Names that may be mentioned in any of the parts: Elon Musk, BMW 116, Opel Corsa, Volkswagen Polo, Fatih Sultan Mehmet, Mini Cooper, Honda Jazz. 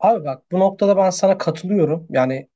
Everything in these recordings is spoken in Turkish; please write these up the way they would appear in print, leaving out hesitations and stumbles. Abi bak bu noktada ben sana katılıyorum. Yani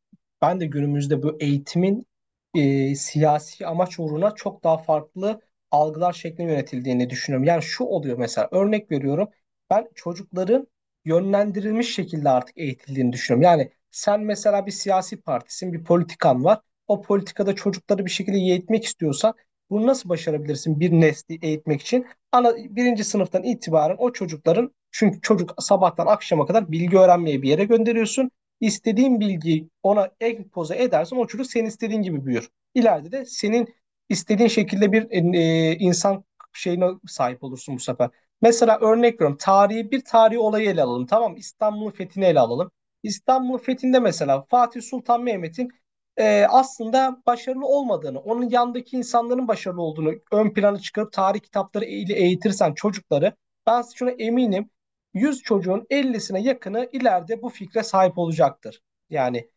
ben de günümüzde bu eğitimin siyasi amaç uğruna çok daha farklı algılar şeklinde yönetildiğini düşünüyorum. Yani şu oluyor mesela örnek veriyorum. Ben çocukların yönlendirilmiş şekilde artık eğitildiğini düşünüyorum. Yani sen mesela bir siyasi partisin, bir politikan var. O politikada çocukları bir şekilde eğitmek istiyorsan bunu nasıl başarabilirsin bir nesli eğitmek için? Ana birinci sınıftan itibaren o çocukların çünkü çocuk sabahtan akşama kadar bilgi öğrenmeye bir yere gönderiyorsun. İstediğin bilgiyi ona empoze edersen o çocuk senin istediğin gibi büyür. İleride de senin istediğin şekilde bir insan şeyine sahip olursun bu sefer. Mesela örnek veriyorum. Tarihi bir tarihi olayı ele alalım. Tamam mı? İstanbul'un fethini ele alalım. İstanbul'un fethinde mesela Fatih Sultan Mehmet'in aslında başarılı olmadığını, onun yanındaki insanların başarılı olduğunu ön plana çıkarıp tarih kitapları ile eğitirsen çocukları, ben şuna eminim 100 çocuğun 50'sine yakını ileride bu fikre sahip olacaktır. Yani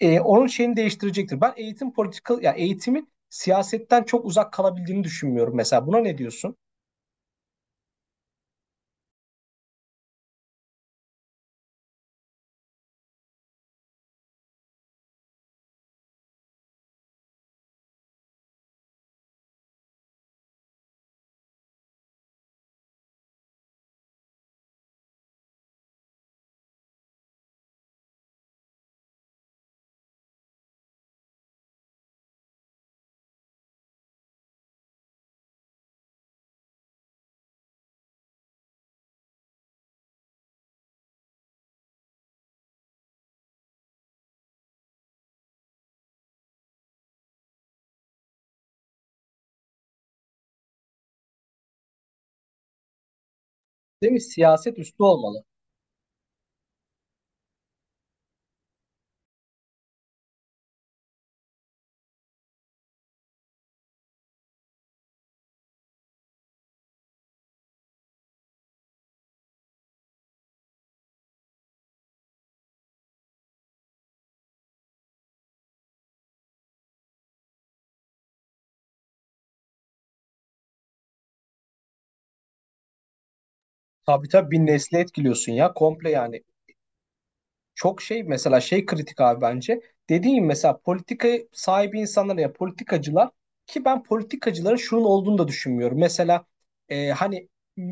onun şeyini değiştirecektir. Ben eğitim politika, yani eğitimin siyasetten çok uzak kalabildiğini düşünmüyorum mesela. Buna ne diyorsun? Değil mi? Siyaset üstü olmalı. Tabii tabii, bir nesli etkiliyorsun ya komple yani. Çok şey mesela şey kritik abi bence. Dediğim mesela politika sahibi insanlar ya politikacılar ki ben politikacıların şunun olduğunu da düşünmüyorum. Mesela hani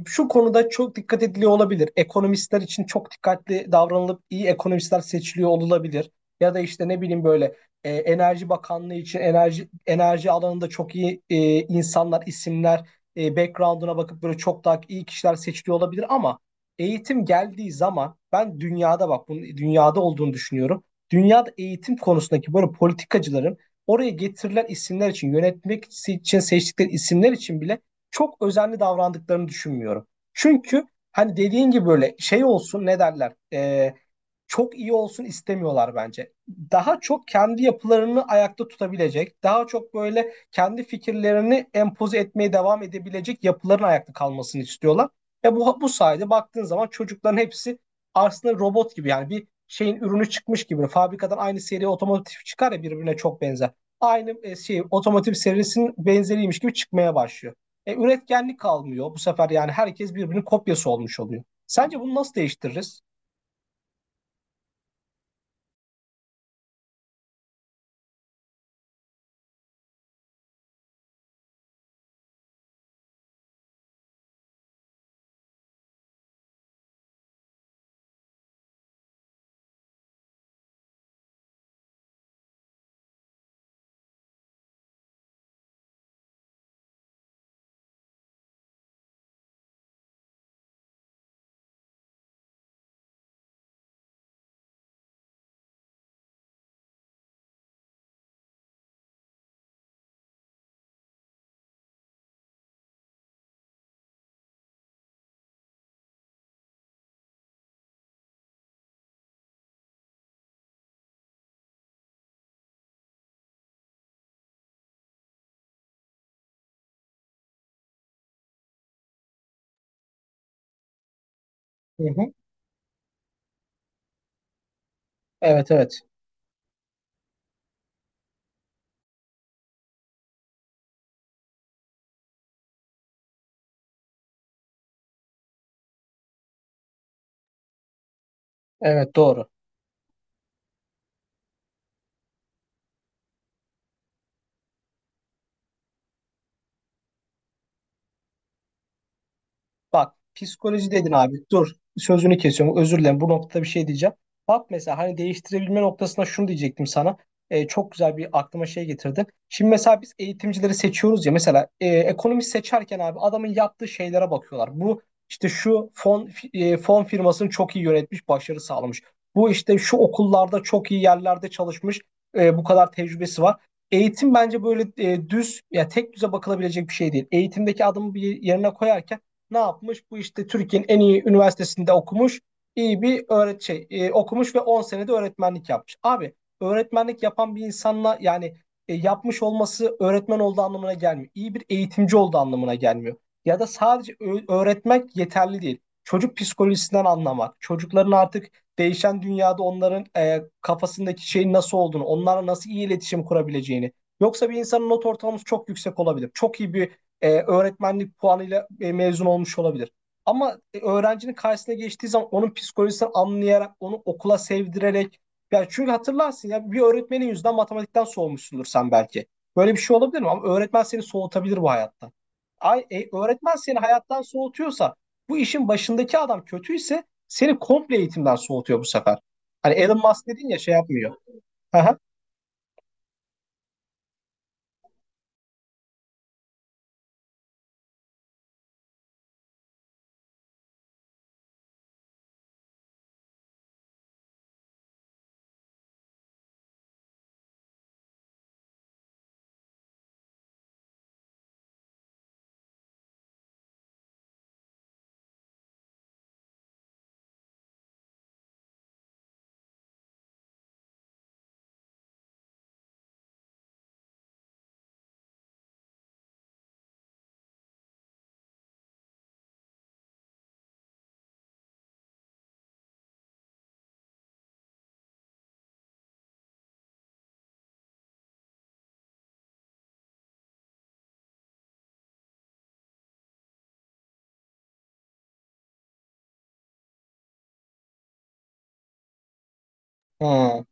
şu konuda çok dikkat ediliyor olabilir. Ekonomistler için çok dikkatli davranılıp iyi ekonomistler seçiliyor olabilir. Ya da işte ne bileyim böyle Enerji Bakanlığı için enerji alanında çok iyi insanlar, isimler, background'una bakıp böyle çok daha iyi kişiler seçiliyor olabilir ama eğitim geldiği zaman ben dünyada bak bunun dünyada olduğunu düşünüyorum. Dünyada eğitim konusundaki böyle politikacıların oraya getirilen isimler için için seçtikleri isimler için bile çok özenli davrandıklarını düşünmüyorum. Çünkü hani dediğin gibi böyle şey olsun ne derler? Çok iyi olsun istemiyorlar bence. Daha çok kendi yapılarını ayakta tutabilecek, daha çok böyle kendi fikirlerini empoze etmeye devam edebilecek yapıların ayakta kalmasını istiyorlar. Ve bu sayede baktığın zaman çocukların hepsi aslında robot gibi yani bir şeyin ürünü çıkmış gibi. Fabrikadan aynı seri otomotiv çıkar ya birbirine çok benzer. Aynı şey otomotiv serisinin benzeriymiş gibi çıkmaya başlıyor. Üretkenlik kalmıyor bu sefer yani herkes birbirinin kopyası olmuş oluyor. Sence bunu nasıl değiştiririz? Hı hı. Evet, evet. Evet, doğru. Bak psikoloji dedin abi. Dur, sözünü kesiyorum. Özür dilerim. Bu noktada bir şey diyeceğim. Bak mesela hani değiştirebilme noktasında şunu diyecektim sana. Çok güzel bir aklıma şey getirdin. Şimdi mesela biz eğitimcileri seçiyoruz ya mesela ekonomist seçerken abi adamın yaptığı şeylere bakıyorlar. Bu işte şu fon firmasını çok iyi yönetmiş, başarı sağlamış. Bu işte şu okullarda çok iyi yerlerde çalışmış, bu kadar tecrübesi var. Eğitim bence böyle düz ya tek düze bakılabilecek bir şey değil. Eğitimdeki adımı bir yerine koyarken ne yapmış? Bu işte Türkiye'nin en iyi üniversitesinde okumuş. İyi bir okumuş ve 10 senede öğretmenlik yapmış. Abi öğretmenlik yapan bir insanla yani yapmış olması öğretmen olduğu anlamına gelmiyor. İyi bir eğitimci olduğu anlamına gelmiyor. Ya da sadece öğretmek yeterli değil. Çocuk psikolojisinden anlamak, çocukların artık değişen dünyada onların kafasındaki şeyin nasıl olduğunu, onlarla nasıl iyi iletişim kurabileceğini. Yoksa bir insanın not ortalaması çok yüksek olabilir. Çok iyi bir öğretmenlik puanıyla mezun olmuş olabilir. Ama öğrencinin karşısına geçtiği zaman onun psikolojisini anlayarak, onu okula sevdirerek ya çünkü hatırlarsın ya bir öğretmenin yüzünden matematikten soğumuşsundur sen belki. Böyle bir şey olabilir mi? Ama öğretmen seni soğutabilir bu hayattan. Öğretmen seni hayattan soğutuyorsa bu işin başındaki adam kötüyse seni komple eğitimden soğutuyor bu sefer. Hani Elon Musk dedin ya şey yapmıyor. Hı hı. Hı.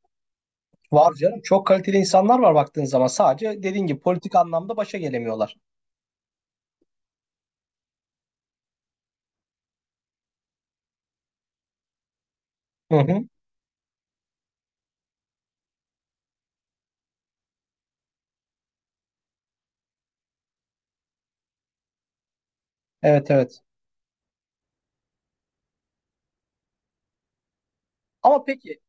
Var canım. Çok kaliteli insanlar var baktığın zaman. Sadece dediğin gibi politik anlamda başa gelemiyorlar. Hı hı. Evet, evet. Ama peki,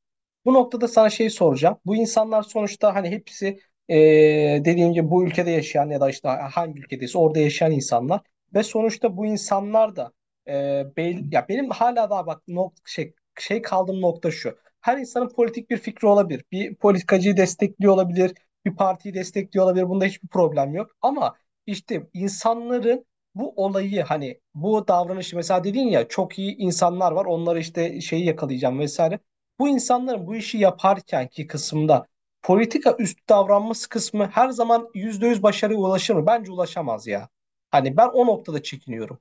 bu noktada sana şey soracağım. Bu insanlar sonuçta hani hepsi dediğim gibi bu ülkede yaşayan ya da işte hangi ülkedeyse orada yaşayan insanlar ve sonuçta bu insanlar da ya benim hala daha bak nok şey şey kaldığım nokta şu. Her insanın politik bir fikri olabilir. Bir politikacıyı destekliyor olabilir, bir partiyi destekliyor olabilir. Bunda hiçbir problem yok. Ama işte insanların bu olayı hani bu davranışı mesela dedin ya çok iyi insanlar var onları işte şeyi yakalayacağım vesaire. Bu insanların bu işi yaparkenki kısımda politika üstü davranması kısmı her zaman %100 başarıya ulaşır mı? Bence ulaşamaz ya. Hani ben o noktada çekiniyorum.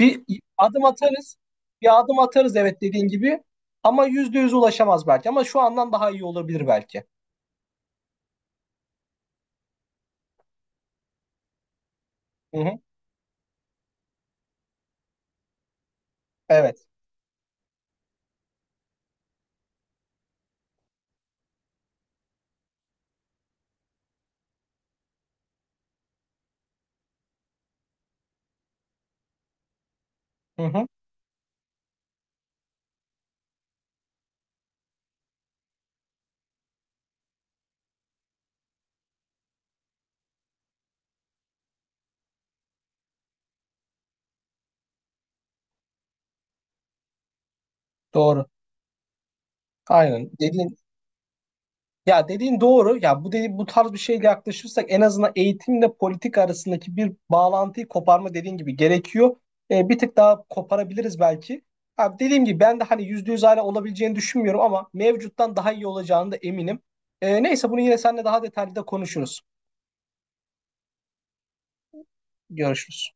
Bir adım atarız, bir adım atarız, evet, dediğin gibi ama %100 ulaşamaz belki ama şu andan daha iyi olabilir belki. Hı hı. Evet. Hı hı. Doğru. Aynen. Ya, dediğin doğru. Ya bu tarz bir şeyle yaklaşırsak en azından eğitimle politik arasındaki bir bağlantıyı koparma dediğin gibi gerekiyor. Bir tık daha koparabiliriz belki. Ha, dediğim gibi ben de hani %100 hala olabileceğini düşünmüyorum ama mevcuttan daha iyi olacağını da eminim. Neyse, bunu yine seninle daha detaylı da konuşuruz. Görüşürüz.